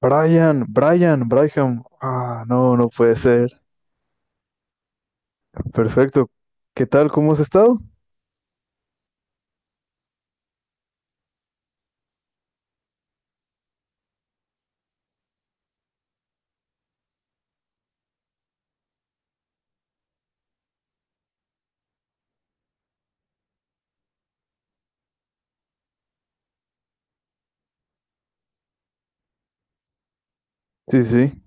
Brian, Brian, Brian. Ah, no, no puede ser. Perfecto. ¿Qué tal? ¿Cómo has estado? Sí, sí.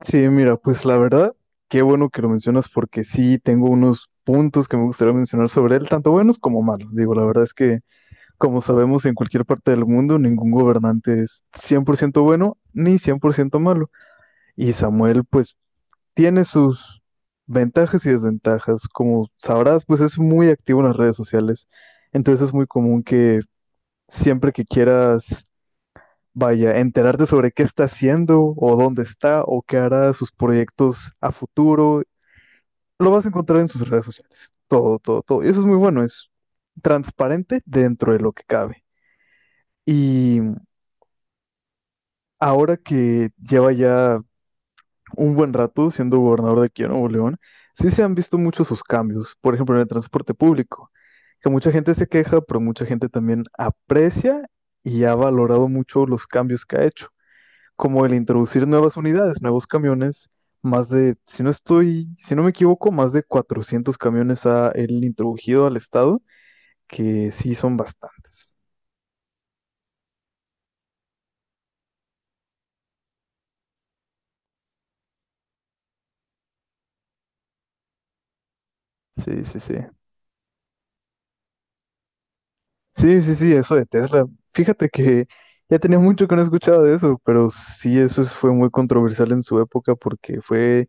Sí, mira, pues la verdad, qué bueno que lo mencionas porque sí tengo unos puntos que me gustaría mencionar sobre él, tanto buenos como malos. Digo, la verdad es que, como sabemos, en cualquier parte del mundo ningún gobernante es 100% bueno ni 100% malo. Y Samuel, pues tiene sus ventajas y desventajas. Como sabrás, pues es muy activo en las redes sociales. Entonces es muy común que siempre que quieras, enterarte sobre qué está haciendo o dónde está o qué hará sus proyectos a futuro, lo vas a encontrar en sus redes sociales. Todo, todo, todo. Y eso es muy bueno. Es transparente dentro de lo que cabe. Y ahora que lleva ya un buen rato siendo gobernador de aquí en Nuevo León, sí se han visto muchos sus cambios, por ejemplo, en el transporte público, que mucha gente se queja, pero mucha gente también aprecia y ha valorado mucho los cambios que ha hecho, como el introducir nuevas unidades, nuevos camiones, más de, si no estoy, si no me equivoco, más de 400 camiones ha él introducido al estado, que sí son bastantes. Sí, sí, sí. Sí, sí, sí, eso de Tesla. Fíjate que ya tenía mucho que no escuchaba de eso, pero sí, fue muy controversial en su época porque fue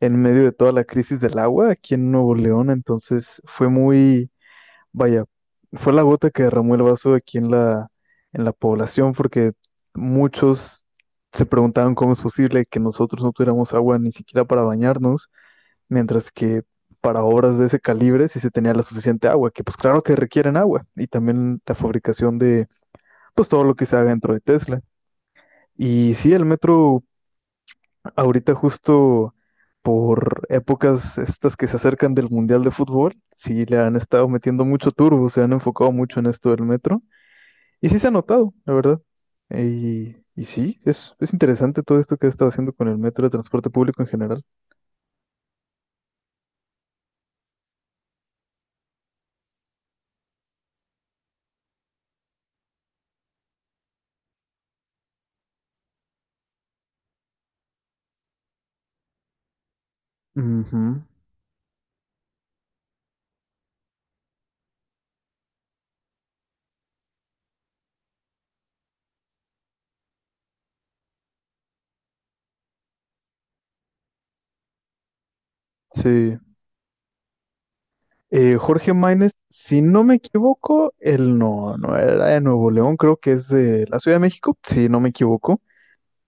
en medio de toda la crisis del agua aquí en Nuevo León, entonces fue muy, vaya, fue la gota que derramó el vaso aquí en en la población porque muchos se preguntaban cómo es posible que nosotros no tuviéramos agua ni siquiera para bañarnos mientras que para obras de ese calibre sí se tenía la suficiente agua, que pues claro que requieren agua y también la fabricación de pues todo lo que se haga dentro de Tesla. Y sí, el metro ahorita justo por épocas estas que se acercan del Mundial de Fútbol, sí le han estado metiendo mucho turbo, se han enfocado mucho en esto del metro y sí se ha notado, la verdad. Y sí, es interesante todo esto que ha estado haciendo con el metro de transporte público en general. Ujú. Sí. Jorge Máynez, si no me equivoco, él no, no era de Nuevo León, creo que es de la Ciudad de México, si no me equivoco.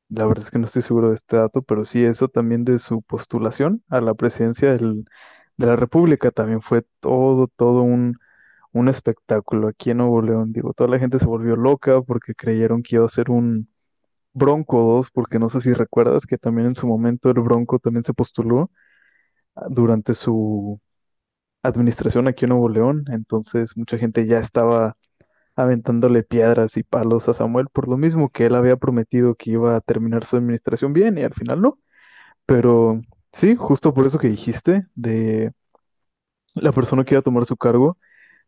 La verdad es que no estoy seguro de este dato, pero sí eso también de su postulación a la de la República también fue todo, todo un espectáculo aquí en Nuevo León. Digo, toda la gente se volvió loca porque creyeron que iba a ser un Bronco 2, porque no sé si recuerdas que también en su momento el Bronco también se postuló ah, durante su administración aquí en Nuevo León, entonces mucha gente ya estaba aventándole piedras y palos a Samuel por lo mismo que él había prometido que iba a terminar su administración bien y al final no. Pero sí, justo por eso que dijiste de la persona que iba a tomar su cargo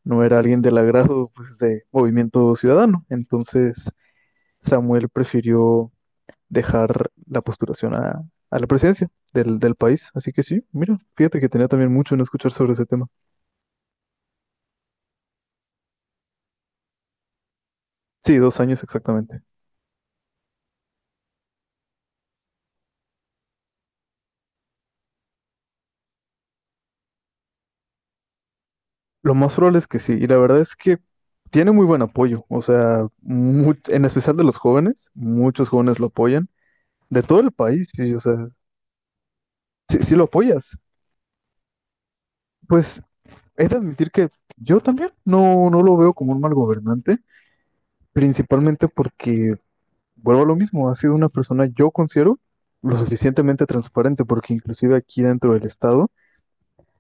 no era alguien del agrado pues, de Movimiento Ciudadano. Entonces Samuel prefirió dejar la postulación a la presidencia del país. Así que sí, mira, fíjate que tenía también mucho en escuchar sobre ese tema. Sí, dos años exactamente. Lo más probable es que sí, y la verdad es que tiene muy buen apoyo, o sea, mu- en especial de los jóvenes, muchos jóvenes lo apoyan, de todo el país, y o sea, si lo apoyas, pues he de admitir que yo también no, no lo veo como un mal gobernante, principalmente porque, vuelvo a lo mismo, ha sido una persona, yo considero, lo suficientemente transparente, porque inclusive aquí dentro del Estado,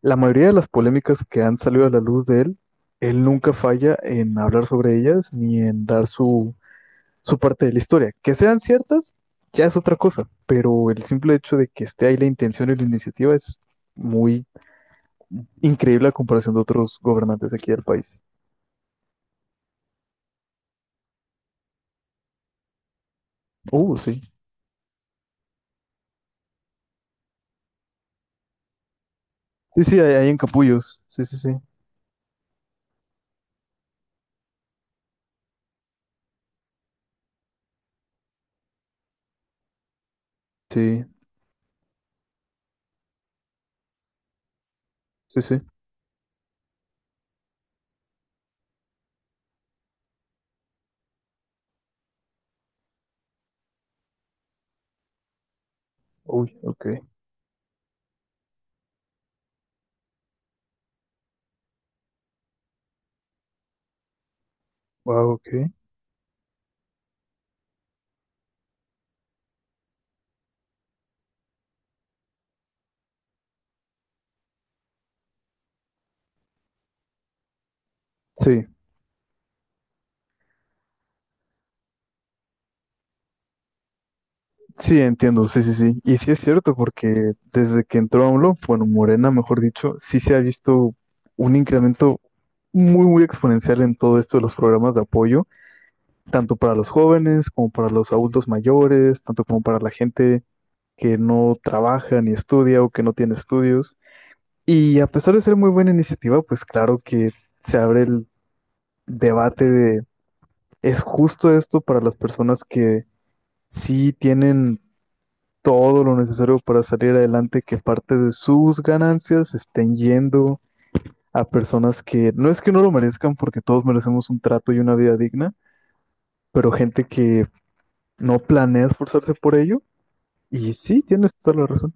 la mayoría de las polémicas que han salido a la luz de él, él nunca falla en hablar sobre ellas ni en dar su parte de la historia. Que sean ciertas, ya es otra cosa, pero el simple hecho de que esté ahí la intención y la iniciativa es muy increíble a comparación de otros gobernantes aquí del país. Sí. Sí, sí, hay encapullos. Sí, sí, sí. Sí, sí, sí. Uy, ok. Wow, ok. Sí, sí, entiendo. Sí, sí, sí. Y sí es cierto, porque desde que entró AMLO, bueno, Morena, mejor dicho, sí se ha visto un incremento muy, muy exponencial en todo esto de los programas de apoyo tanto para los jóvenes como para los adultos mayores, tanto como para la gente que no trabaja ni estudia o que no tiene estudios. Y a pesar de ser muy buena iniciativa, pues claro que se abre el debate de, ¿es justo esto para las personas que sí tienen todo lo necesario para salir adelante, que parte de sus ganancias estén yendo a personas que no es que no lo merezcan, porque todos merecemos un trato y una vida digna, pero gente que no planea esforzarse por ello? Y sí, tienes toda la razón.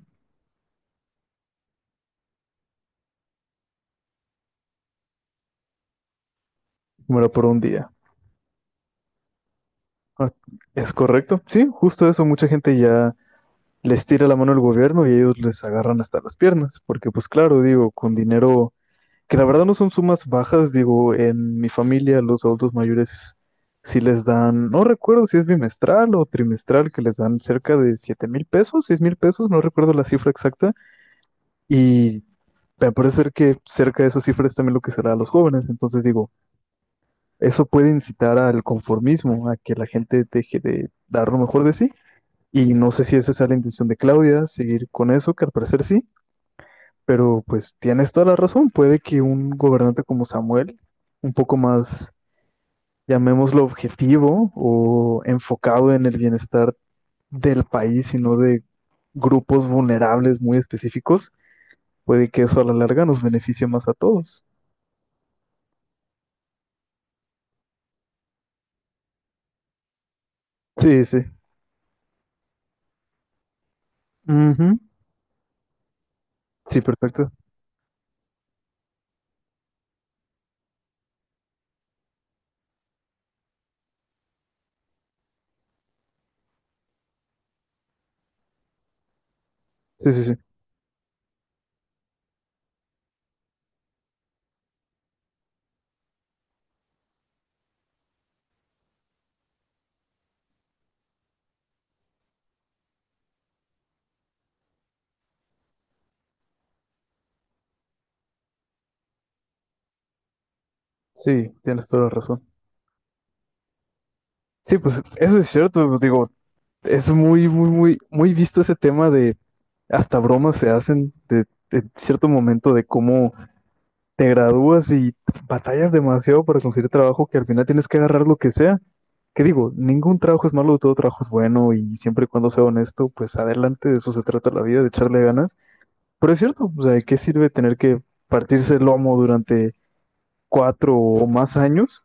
Bueno, por un día. Ah, es correcto. Sí, justo eso. Mucha gente ya les tira la mano al gobierno y ellos les agarran hasta las piernas. Porque, pues claro, digo, con dinero, que la verdad no son sumas bajas, digo, en mi familia los adultos mayores sí les dan, no recuerdo si es bimestral o trimestral, que les dan cerca de siete mil pesos, seis mil pesos, no recuerdo la cifra exacta. Y me parece ser que cerca de esa cifra es también lo que será a los jóvenes. Entonces, digo, eso puede incitar al conformismo, a que la gente deje de dar lo mejor de sí. Y no sé si esa es la intención de Claudia, seguir con eso, que al parecer sí, pero pues tienes toda la razón. Puede que un gobernante como Samuel, un poco más, llamémoslo objetivo o enfocado en el bienestar del país y no de grupos vulnerables muy específicos, puede que eso a la larga nos beneficie más a todos. Sí, sí. Ujú. Sí, perfecto. Sí, sí, sí. Sí, tienes toda la razón. Sí, pues eso es cierto, digo, es muy, muy, muy, muy visto ese tema de hasta bromas se hacen de cierto momento de cómo te gradúas y batallas demasiado para conseguir trabajo que al final tienes que agarrar lo que sea. Que digo, ningún trabajo es malo, todo trabajo es bueno y siempre y cuando sea honesto, pues adelante, de eso se trata la vida, de echarle ganas. Pero es cierto, o sea, ¿de qué sirve tener que partirse el lomo durante cuatro o más años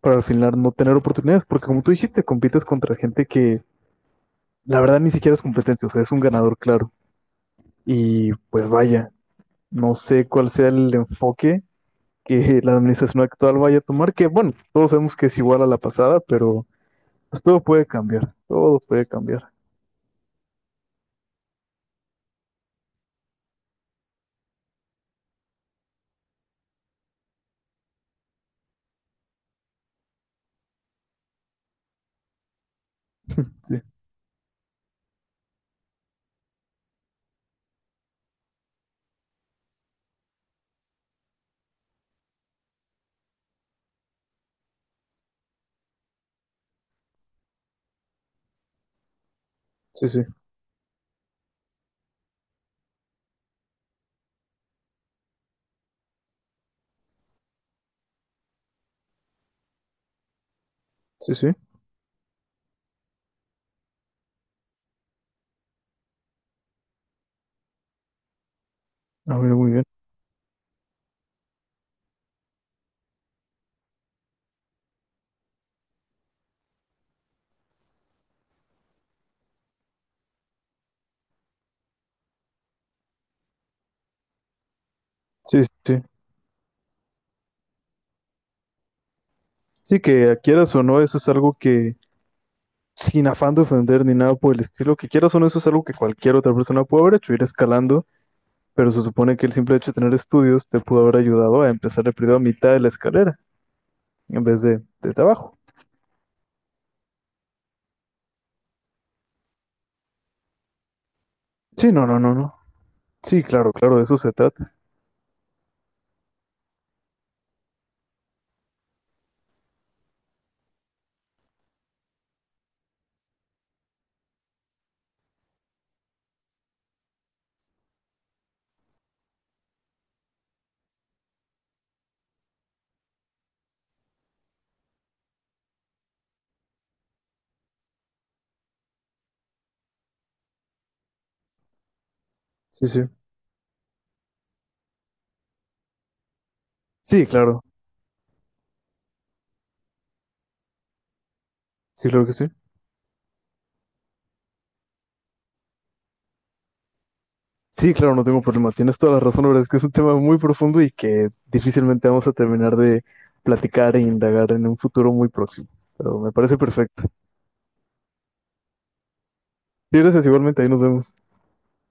para al final no tener oportunidades, porque como tú dijiste, compites contra gente que la verdad ni siquiera es competencia, o sea, es un ganador claro? Y pues vaya, no sé cuál sea el enfoque que la administración actual vaya a tomar, que bueno, todos sabemos que es igual a la pasada, pero pues todo puede cambiar, todo puede cambiar. Sí, sí, sí, sí, sí. A ver, muy bien. Sí, sí. Sí, sí, que quieras o no, eso es algo que sin afán de ofender ni nada por el estilo, que quieras o no, eso es algo que cualquier otra persona puede haber hecho, ir escalando, pero se supone que el simple hecho de tener estudios te pudo haber ayudado a empezar el periodo a mitad de la escalera, en vez de desde abajo. Sí, no, no, no, no. Sí, claro, claro, de eso se trata. Sí, sí. Sí, claro. Sí, claro que sí. Sí, claro, no tengo problema. Tienes toda la razón, la verdad es que es un tema muy profundo y que difícilmente vamos a terminar de platicar e indagar en un futuro muy próximo. Pero me parece perfecto. Sí, gracias igualmente, ahí nos vemos.